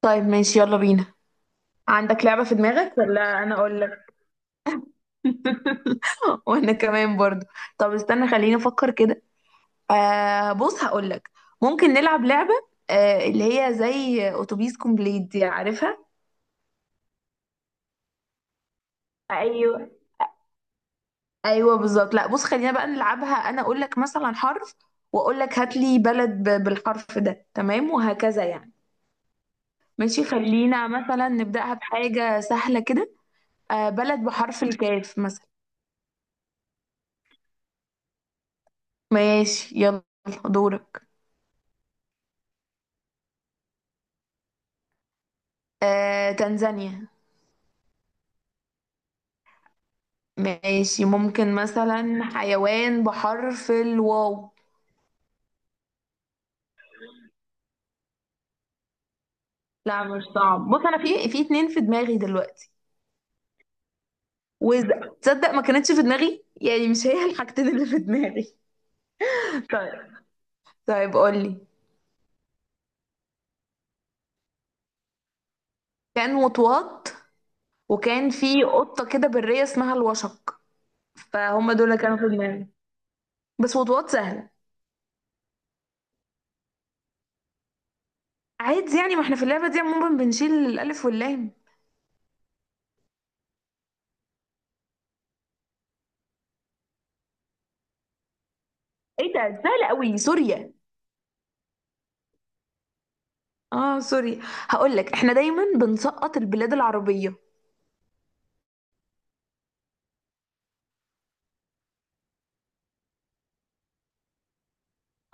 طيب ماشي يلا بينا. عندك لعبة في دماغك ولا أنا أقول لك؟ وأنا كمان برضو. طب استنى خليني أفكر كده. آه بص هقول لك. ممكن نلعب لعبة. آه اللي هي زي أتوبيس كومبليت دي، عارفها؟ ايوه. أيوه بالظبط، لا بص خلينا بقى نلعبها. أنا أقول لك مثلا حرف، وأقول لك هات لي بلد بالحرف ده، تمام، وهكذا يعني. ماشي، خلينا مثلا نبدأها بحاجة سهلة كده. آه بلد بحرف الكاف مثلا. ماشي يلا. دورك. تنزانيا. ماشي ممكن مثلا حيوان بحرف الواو. لا مش صعب، بص انا في اتنين في دماغي دلوقتي. وتصدق ما كانتش في دماغي يعني، مش هي الحاجتين اللي في دماغي. طيب. طيب قولي. كان وطواط. وكان في قطة كده برية اسمها الوشق. فهم دول اللي كانوا في دماغي. بس وطواط سهلة. عادي يعني، ما احنا في اللعبة دي عموما بنشيل الألف واللام. ايه ده؟ سهلة قوي. سوريا. اه سوري. هقول لك احنا دايما بنسقط البلاد العربية.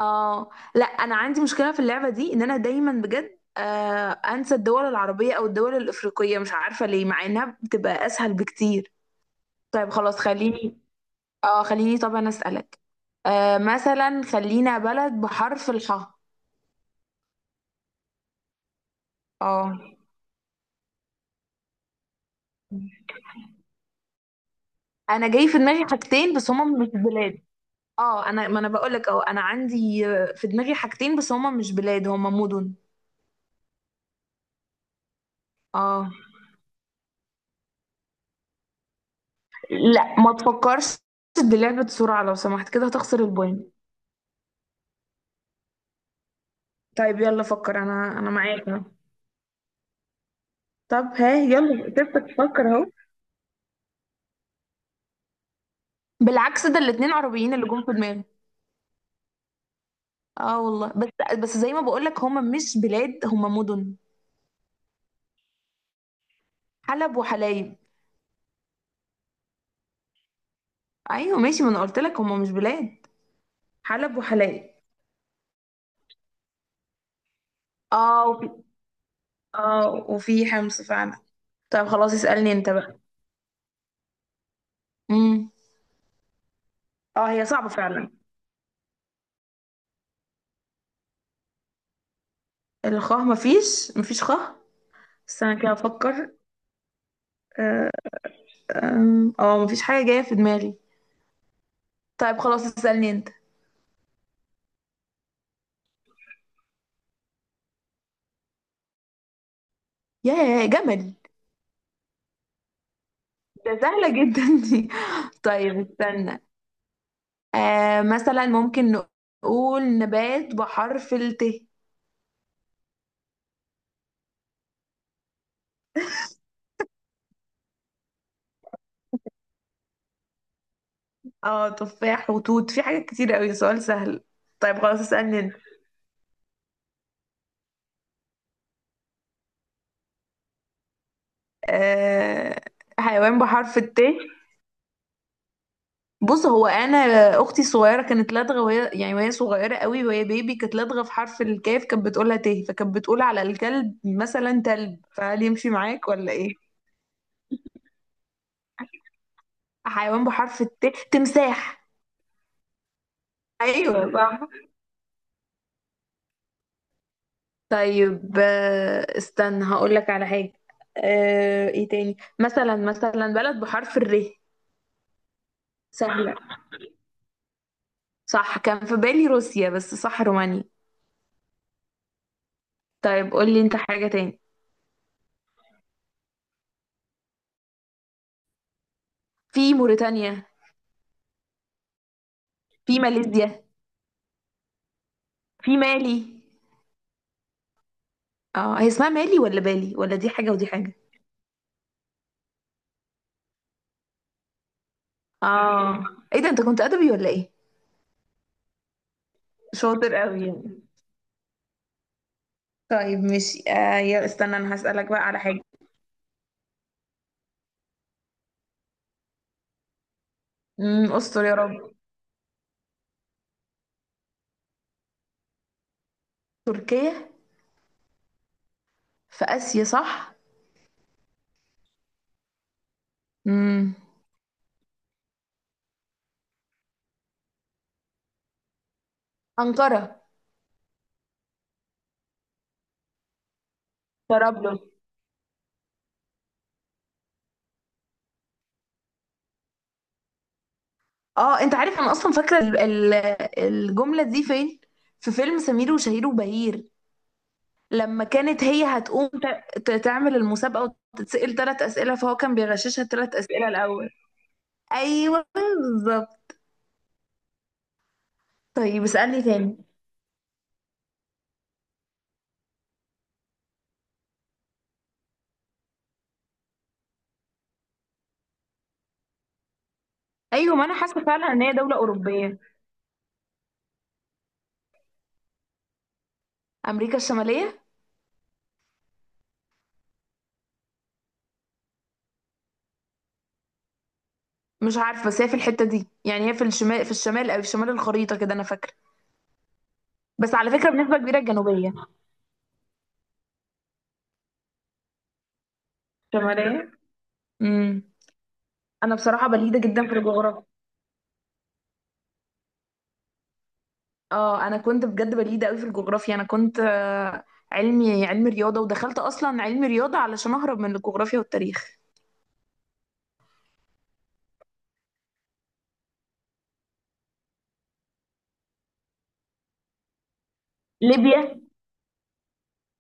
اه لا انا عندي مشكلة في اللعبة دي، ان انا دايما بجد انسى الدول العربية او الدول الافريقية، مش عارفة ليه، مع انها بتبقى اسهل بكتير. طيب خلاص خليني. اه خليني طبعا اسألك. آه مثلا خلينا بلد بحرف الحاء. اه. انا جاي في دماغي حاجتين بس هما مش بلاد. اه انا، ما انا بقول لك، اه انا عندي في دماغي حاجتين بس هما مش بلاد، هما مدن. اه لا ما تفكرش. تدي بسرعة لو سمحت كده هتخسر البوينت. طيب يلا فكر، انا معاك اهو. طب ها يلا، تفتك تفكر اهو. بالعكس، ده الاتنين عربيين اللي جم في دماغي. اه والله، بس زي ما بقولك هما مش بلاد، هما مدن. حلب وحلايب. ايوه ماشي، ما انا قلت لك هما مش بلاد. حلب وحلايب. اه وفي اه وفي حمص فعلا. طب خلاص اسألني انت بقى. امم اه هي صعبة فعلا. الخاه مفيش خاه. استنى كده افكر. آه، أم، اه مفيش حاجة جاية في دماغي. طيب خلاص اسألني انت. ياه جمل. ده سهلة جدا. دي طيب استنى. آه مثلا ممكن نقول نبات بحرف الت. اه تفاح وتوت، في حاجات كتير قوي، سؤال سهل. طيب خلاص اسألني انت. آه حيوان بحرف الت. بص هو انا. اختي الصغيره كانت لدغه وهي صغيره قوي وهي بيبي، كانت لدغه في حرف الكاف، كانت بتقولها ت، فكانت بتقول على الكلب مثلا تلب، فهل يمشي معاك ولا ايه؟ حيوان بحرف الت، تمساح. ايوه صح. طيب استنى هقول لك على حاجة. ايه تاني مثلا بلد بحرف الر. سهلة. صح كان في بالي روسيا، بس صح رومانيا. طيب قول لي انت حاجة تاني. في موريتانيا. في ماليزيا. في مالي. اه، هي اسمها مالي ولا بالي؟ ولا دي حاجة ودي حاجة؟ اه ايه ده، انت كنت ادبي ولا ايه؟ شاطر قوي يعني. طيب ماشي آه يا استنى، انا هسألك بقى على حاجة. استر يا رب. تركيا في آسيا، صح؟ امم أنقرة. طرابلس. اه انت عارف، انا اصلا فاكره الجمله دي فين، في فيلم سمير وشهير وبهير، لما كانت هي هتقوم تعمل المسابقه وتتسأل ثلاث اسئله، فهو كان بيغششها الثلاث اسئله الاول. ايوه بالظبط. طيب اسألني تاني. ايوه ما انا حاسه فعلا ان هي دوله اوروبيه. امريكا الشماليه. مش عارفه بس هي في الحته دي، يعني هي في الشمال، او في شمال الخريطه كده انا فاكره. بس على فكره بنسبه كبيره الجنوبيه. شمالية. امم. انا بصراحة بليدة جدا في الجغرافيا. اه انا كنت بجد بليدة قوي في الجغرافيا، انا كنت علمي رياضة، ودخلت اصلا علمي رياضة علشان اهرب من الجغرافيا والتاريخ. ليبيا.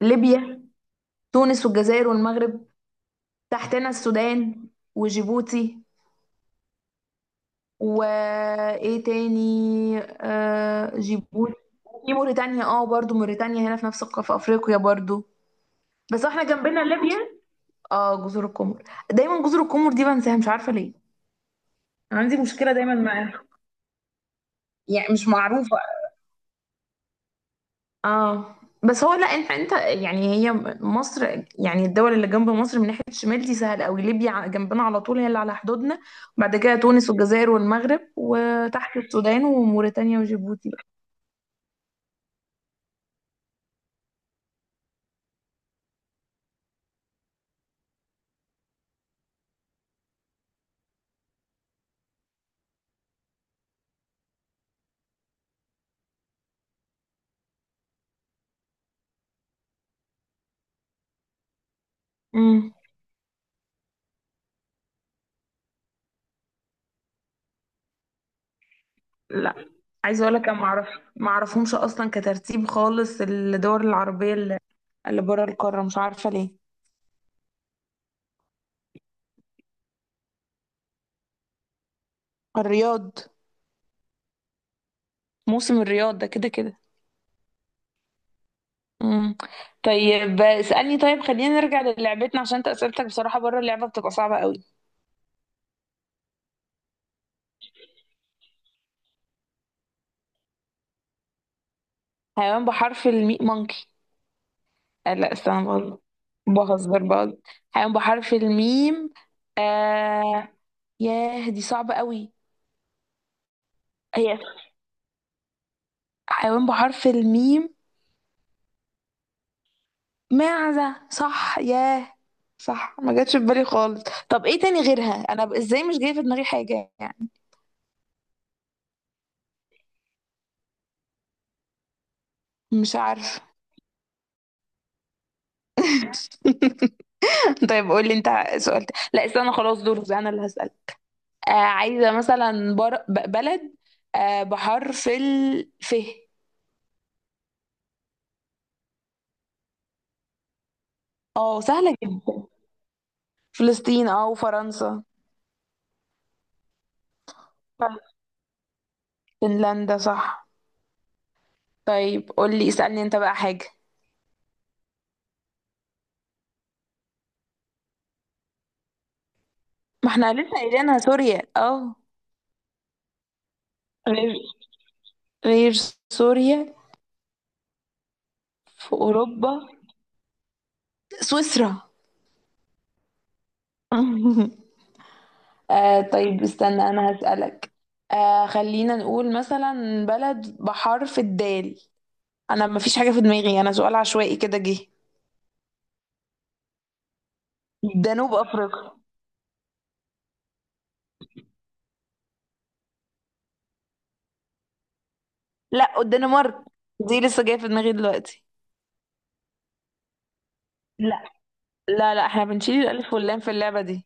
ليبيا. تونس والجزائر والمغرب. تحتنا السودان. وجيبوتي. وايه تاني، جيبوتي. في موريتانيا. اه برضو، موريتانيا هنا في نفس في افريقيا برضو. بس احنا جنبنا ليبيا. اه جزر القمر. دايما جزر القمر دي بنساها، مش عارفة ليه. عندي مشكلة دايما معاه. يعني مش معروفة. اه. بس هو، لا انت. يعني هي. مصر، يعني الدول اللي جنب مصر من ناحية الشمال دي سهل قوي، ليبيا جنبنا على طول هي اللي على حدودنا. وبعد كده تونس والجزائر والمغرب، وتحت السودان وموريتانيا وجيبوتي بقى. امم. لا عايزة اقول لك انا ما اعرف. ما اعرفهمش اصلا كترتيب خالص الدول العربية اللي بره القارة، مش عارفة ليه. الرياض. موسم الرياض ده كده كده. مم. طيب اسألني، طيب خلينا نرجع للعبتنا عشان انت اسئلتك بصراحة بره اللعبة بتبقى صعبة قوي. حيوان بحرف الميم، مونكي. آه لا استنى بقول، بهزر بقى. حيوان بحرف الميم. آه ياه دي صعبة قوي. هي. حيوان بحرف الميم. معزة، صح ياه. صح ما جاتش في بالي خالص. طب ايه تاني غيرها، انا ازاي مش جايه في دماغي حاجة يعني. مش عارفة. طيب قول لي انت. سؤال لا استنى خلاص، دورك انا اللي هسأل. آه عايزة مثلا بلد بحرف الف. اه سهلة جدا. فلسطين اه وفرنسا. صح. فنلندا صح. طيب قولي اسألني انت بقى حاجة. ما احنا لسه قايلينها سوريا اه. غير غير سوريا. في أوروبا. سويسرا. طيب استنى أنا هسألك. خلينا نقول مثلا بلد بحرف الدال. أنا مفيش حاجة في دماغي، أنا سؤال عشوائي كده جه. جنوب أفريقيا. لا الدنمارك. دي لسه جايه في دماغي دلوقتي. لا لا لا احنا بنشيل الالف واللام في اللعبه دي.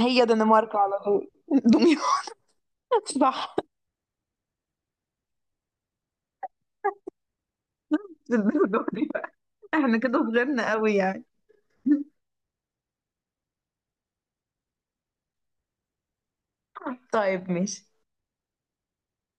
هي دنمارك على طول دمياط صح. الدرجة دي بقى. احنا كده صغيرنا قوي يعني. طيب ماشي.